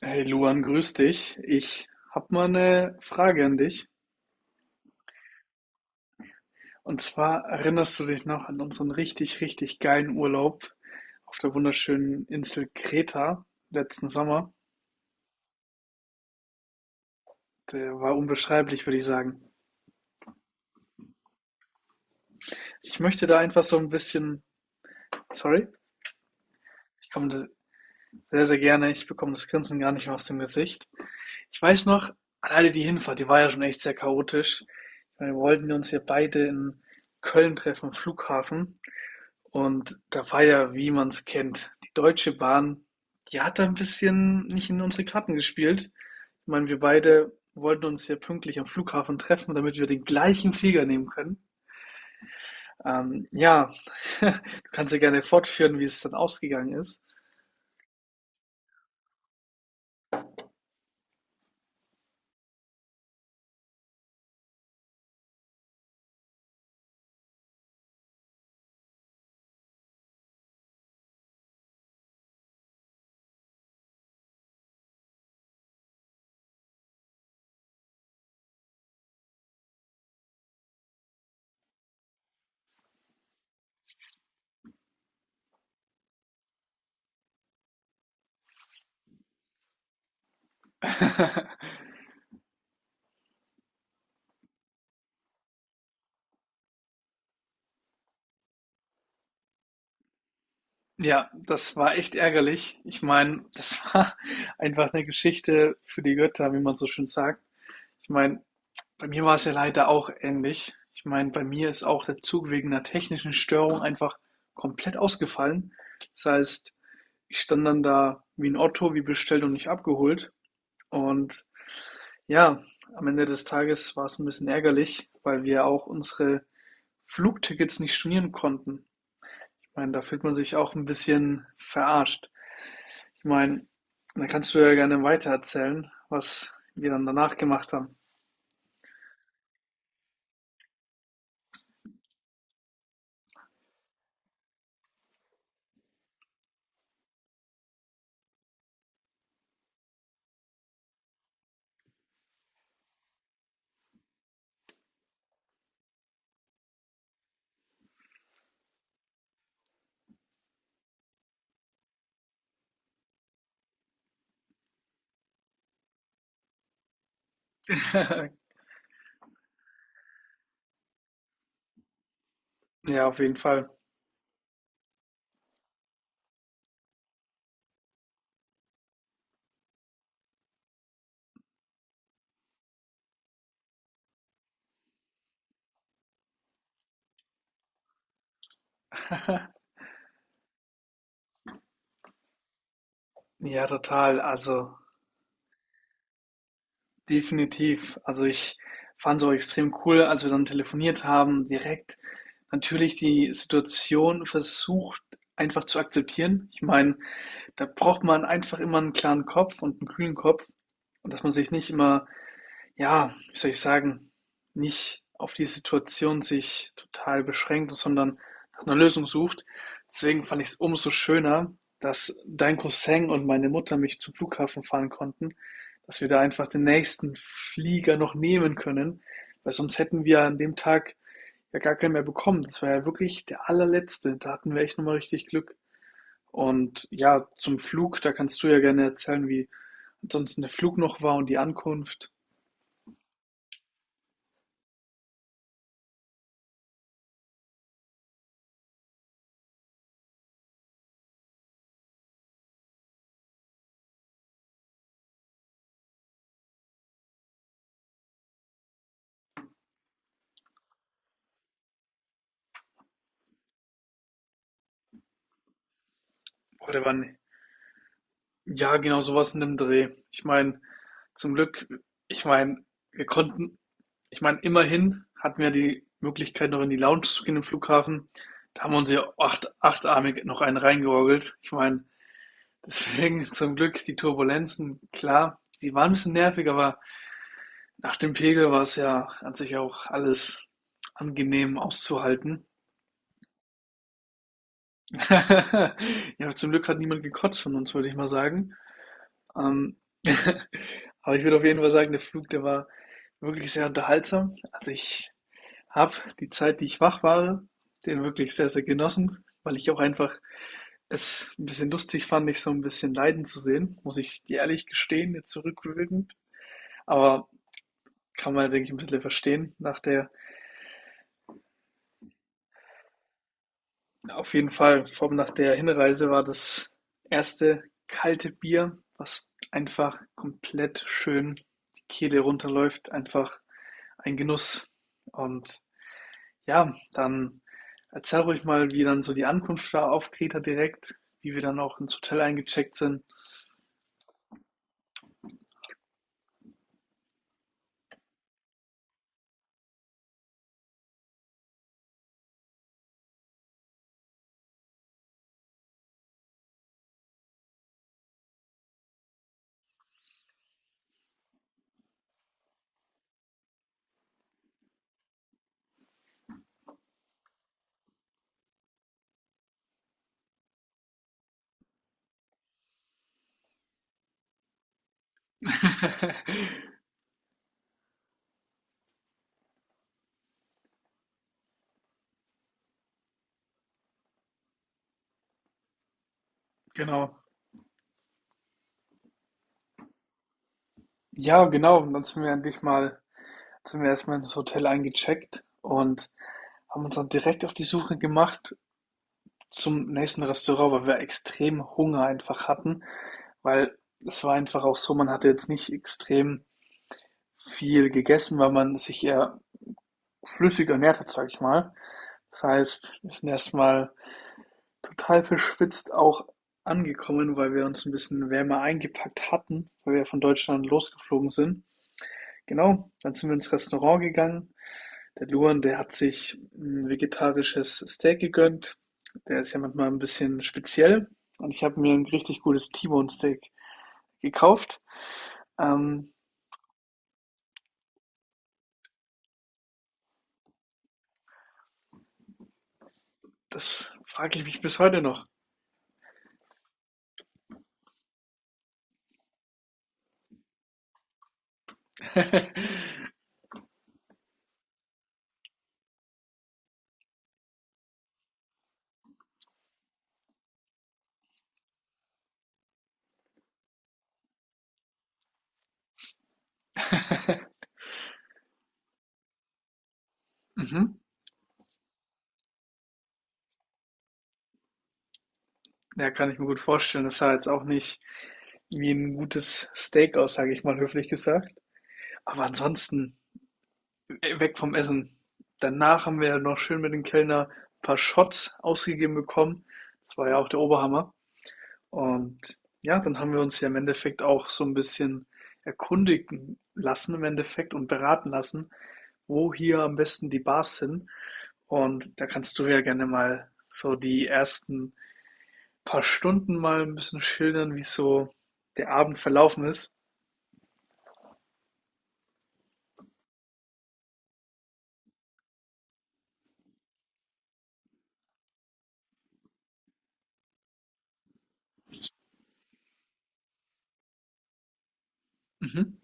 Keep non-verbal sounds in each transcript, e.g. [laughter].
Hey Luan, grüß dich. Ich hab mal eine Frage an dich. Und zwar erinnerst du dich noch an unseren richtig, richtig geilen Urlaub auf der wunderschönen Insel Kreta letzten Sommer? Der war unbeschreiblich, würde ich sagen. Ich möchte da einfach so ein bisschen, sorry, ich komme das sehr, sehr gerne, ich bekomme das Grinsen gar nicht mehr aus dem Gesicht. Ich weiß noch, alleine die Hinfahrt, die war ja schon echt sehr chaotisch. Wir wollten uns ja beide in Köln treffen, am Flughafen. Und da war ja, wie man es kennt, die Deutsche Bahn, die hat da ein bisschen nicht in unsere Karten gespielt. Ich meine, wir beide wollten uns ja pünktlich am Flughafen treffen, damit wir den gleichen Flieger nehmen können. Ähm, ja, [laughs] du kannst ja gerne fortführen, wie es dann ausgegangen ist. [laughs] Ja, das war echt ärgerlich. Ich meine, das war [laughs] einfach eine Geschichte für die Götter, wie man so schön sagt. Ich meine, bei mir war es ja leider auch ähnlich. Ich meine, bei mir ist auch der Zug wegen einer technischen Störung einfach komplett ausgefallen. Das heißt, ich stand dann da wie ein Otto, wie bestellt und nicht abgeholt. Und ja, am Ende des Tages war es ein bisschen ärgerlich, weil wir auch unsere Flugtickets nicht stornieren konnten. Ich meine, da fühlt man sich auch ein bisschen verarscht. Ich meine, da kannst du ja gerne weitererzählen, was wir dann danach gemacht haben. [laughs] Ja, auf jeden Fall. Ja, total. Also definitiv. Also ich fand es auch extrem cool, als wir dann telefoniert haben, direkt natürlich die Situation versucht einfach zu akzeptieren. Ich meine, da braucht man einfach immer einen klaren Kopf und einen kühlen Kopf und dass man sich nicht immer ja, wie soll ich sagen, nicht auf die Situation sich total beschränkt, sondern nach einer Lösung sucht. Deswegen fand ich es umso schöner, dass dein Cousin und meine Mutter mich zum Flughafen fahren konnten, dass wir da einfach den nächsten Flieger noch nehmen können, weil sonst hätten wir an dem Tag ja gar keinen mehr bekommen. Das war ja wirklich der allerletzte. Da hatten wir echt nochmal richtig Glück. Und ja, zum Flug, da kannst du ja gerne erzählen, wie ansonsten der Flug noch war und die Ankunft. Oder wann ja, genau so was in dem Dreh. Ich meine, zum Glück, ich meine, wir konnten, ich meine, immerhin hatten wir die Möglichkeit, noch in die Lounge zu gehen im Flughafen. Da haben wir uns ja acht, achtarmig noch einen reingeorgelt. Ich meine, deswegen [laughs] zum Glück die Turbulenzen, klar, die waren ein bisschen nervig, aber nach dem Pegel war es ja an sich ja auch alles angenehm auszuhalten. [laughs] Ja, zum Glück hat niemand gekotzt von uns, würde ich mal sagen. Ähm, [laughs] aber ich würde auf jeden Fall sagen, der Flug, der war wirklich sehr unterhaltsam. Also ich habe die Zeit, die ich wach war, den wirklich sehr, sehr genossen, weil ich auch einfach es ein bisschen lustig fand, mich so ein bisschen leiden zu sehen, muss ich dir ehrlich gestehen, jetzt zurückwirkend. Aber kann man, denke ich, ein bisschen verstehen. Nach der, auf jeden Fall, vor allem nach der Hinreise war das erste kalte Bier, was einfach komplett schön die Kehle runterläuft, einfach ein Genuss. Und ja, dann erzähl ruhig mal, wie dann so die Ankunft war auf Kreta direkt, wie wir dann auch ins Hotel eingecheckt sind. [laughs] Genau. Ja, genau. Und dann sind wir endlich mal, sind wir erstmal ins Hotel eingecheckt und haben uns dann direkt auf die Suche gemacht zum nächsten Restaurant, weil wir extrem Hunger einfach hatten, weil es war einfach auch so, man hatte jetzt nicht extrem viel gegessen, weil man sich eher flüssig ernährt hat, sage ich mal. Das heißt, wir sind erstmal total verschwitzt auch angekommen, weil wir uns ein bisschen wärmer eingepackt hatten, weil wir von Deutschland losgeflogen sind. Genau, dann sind wir ins Restaurant gegangen. Der Luan, der hat sich ein vegetarisches Steak gegönnt. Der ist ja manchmal ein bisschen speziell. Und ich habe mir ein richtig gutes T-Bone Steak gekauft. Ähm, das frage ich mich bis heute noch. [laughs] Ja, kann ich mir gut vorstellen. Das sah jetzt auch nicht wie ein gutes Steak aus, sage ich mal höflich gesagt. Aber ansonsten, weg vom Essen. Danach haben wir noch schön mit dem Kellner ein paar Shots ausgegeben bekommen. Das war ja auch der Oberhammer. Und ja, dann haben wir uns ja im Endeffekt auch so ein bisschen erkundigen lassen im Endeffekt und beraten lassen, wo hier am besten die Bars sind. Und da kannst du ja gerne mal so die ersten paar Stunden mal ein bisschen schildern, wie so der Abend verlaufen ist? Mhm.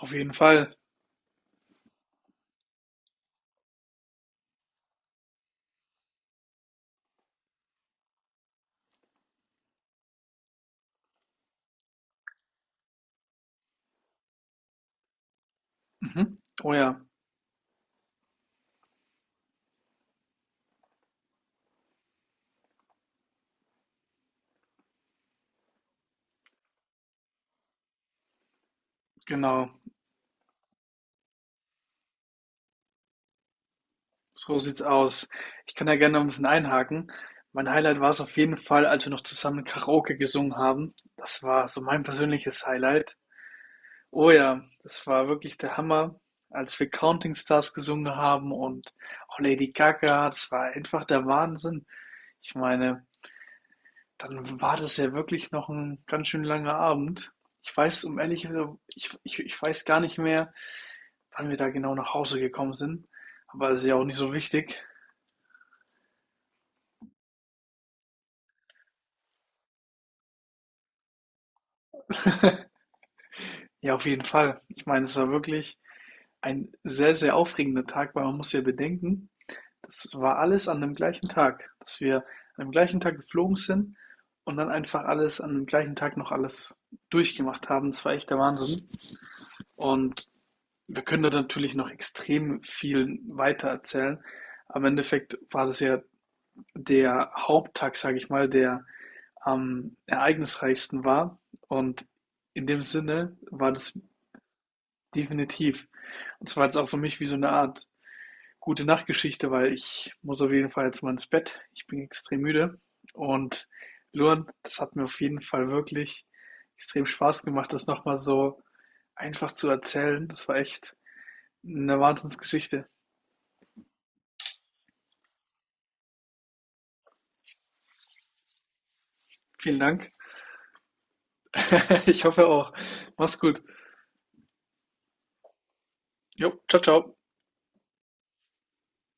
Auf jeden Fall. Mhm. Oh ja, genau. So sieht's aus. Ich kann da gerne noch 'n bisschen einhaken. Mein Highlight war es auf jeden Fall, als wir noch zusammen Karaoke gesungen haben. Das war so mein persönliches Highlight. Oh ja, das war wirklich der Hammer, als wir „Counting Stars“ gesungen haben und auch Lady Gaga. Das war einfach der Wahnsinn. Ich meine, dann war das ja wirklich noch ein ganz schön langer Abend. Ich weiß, um ehrlich also, ich weiß gar nicht mehr, wann wir da genau nach Hause gekommen sind, aber das ist ja auch nicht so wichtig. Ja, auf jeden Fall. Ich meine, es war wirklich ein sehr, sehr aufregender Tag, weil man muss ja bedenken, das war alles an dem gleichen Tag, dass wir an dem gleichen Tag geflogen sind und dann einfach alles an dem gleichen Tag noch alles durchgemacht haben. Das war echt der Wahnsinn, und wir können da natürlich noch extrem viel weiter erzählen. Am Endeffekt war das ja der Haupttag, sage ich mal, der am ereignisreichsten war. Und in dem Sinne war das definitiv. Und zwar jetzt auch für mich wie so eine Art gute Nachtgeschichte, weil ich muss auf jeden Fall jetzt mal ins Bett. Ich bin extrem müde. Und Luan, das hat mir auf jeden Fall wirklich extrem Spaß gemacht, das nochmal so einfach zu erzählen. Das war echt eine Wahnsinnsgeschichte. Vielen Dank. [laughs] Ich hoffe auch. Mach's gut. Jo, ciao, ciao.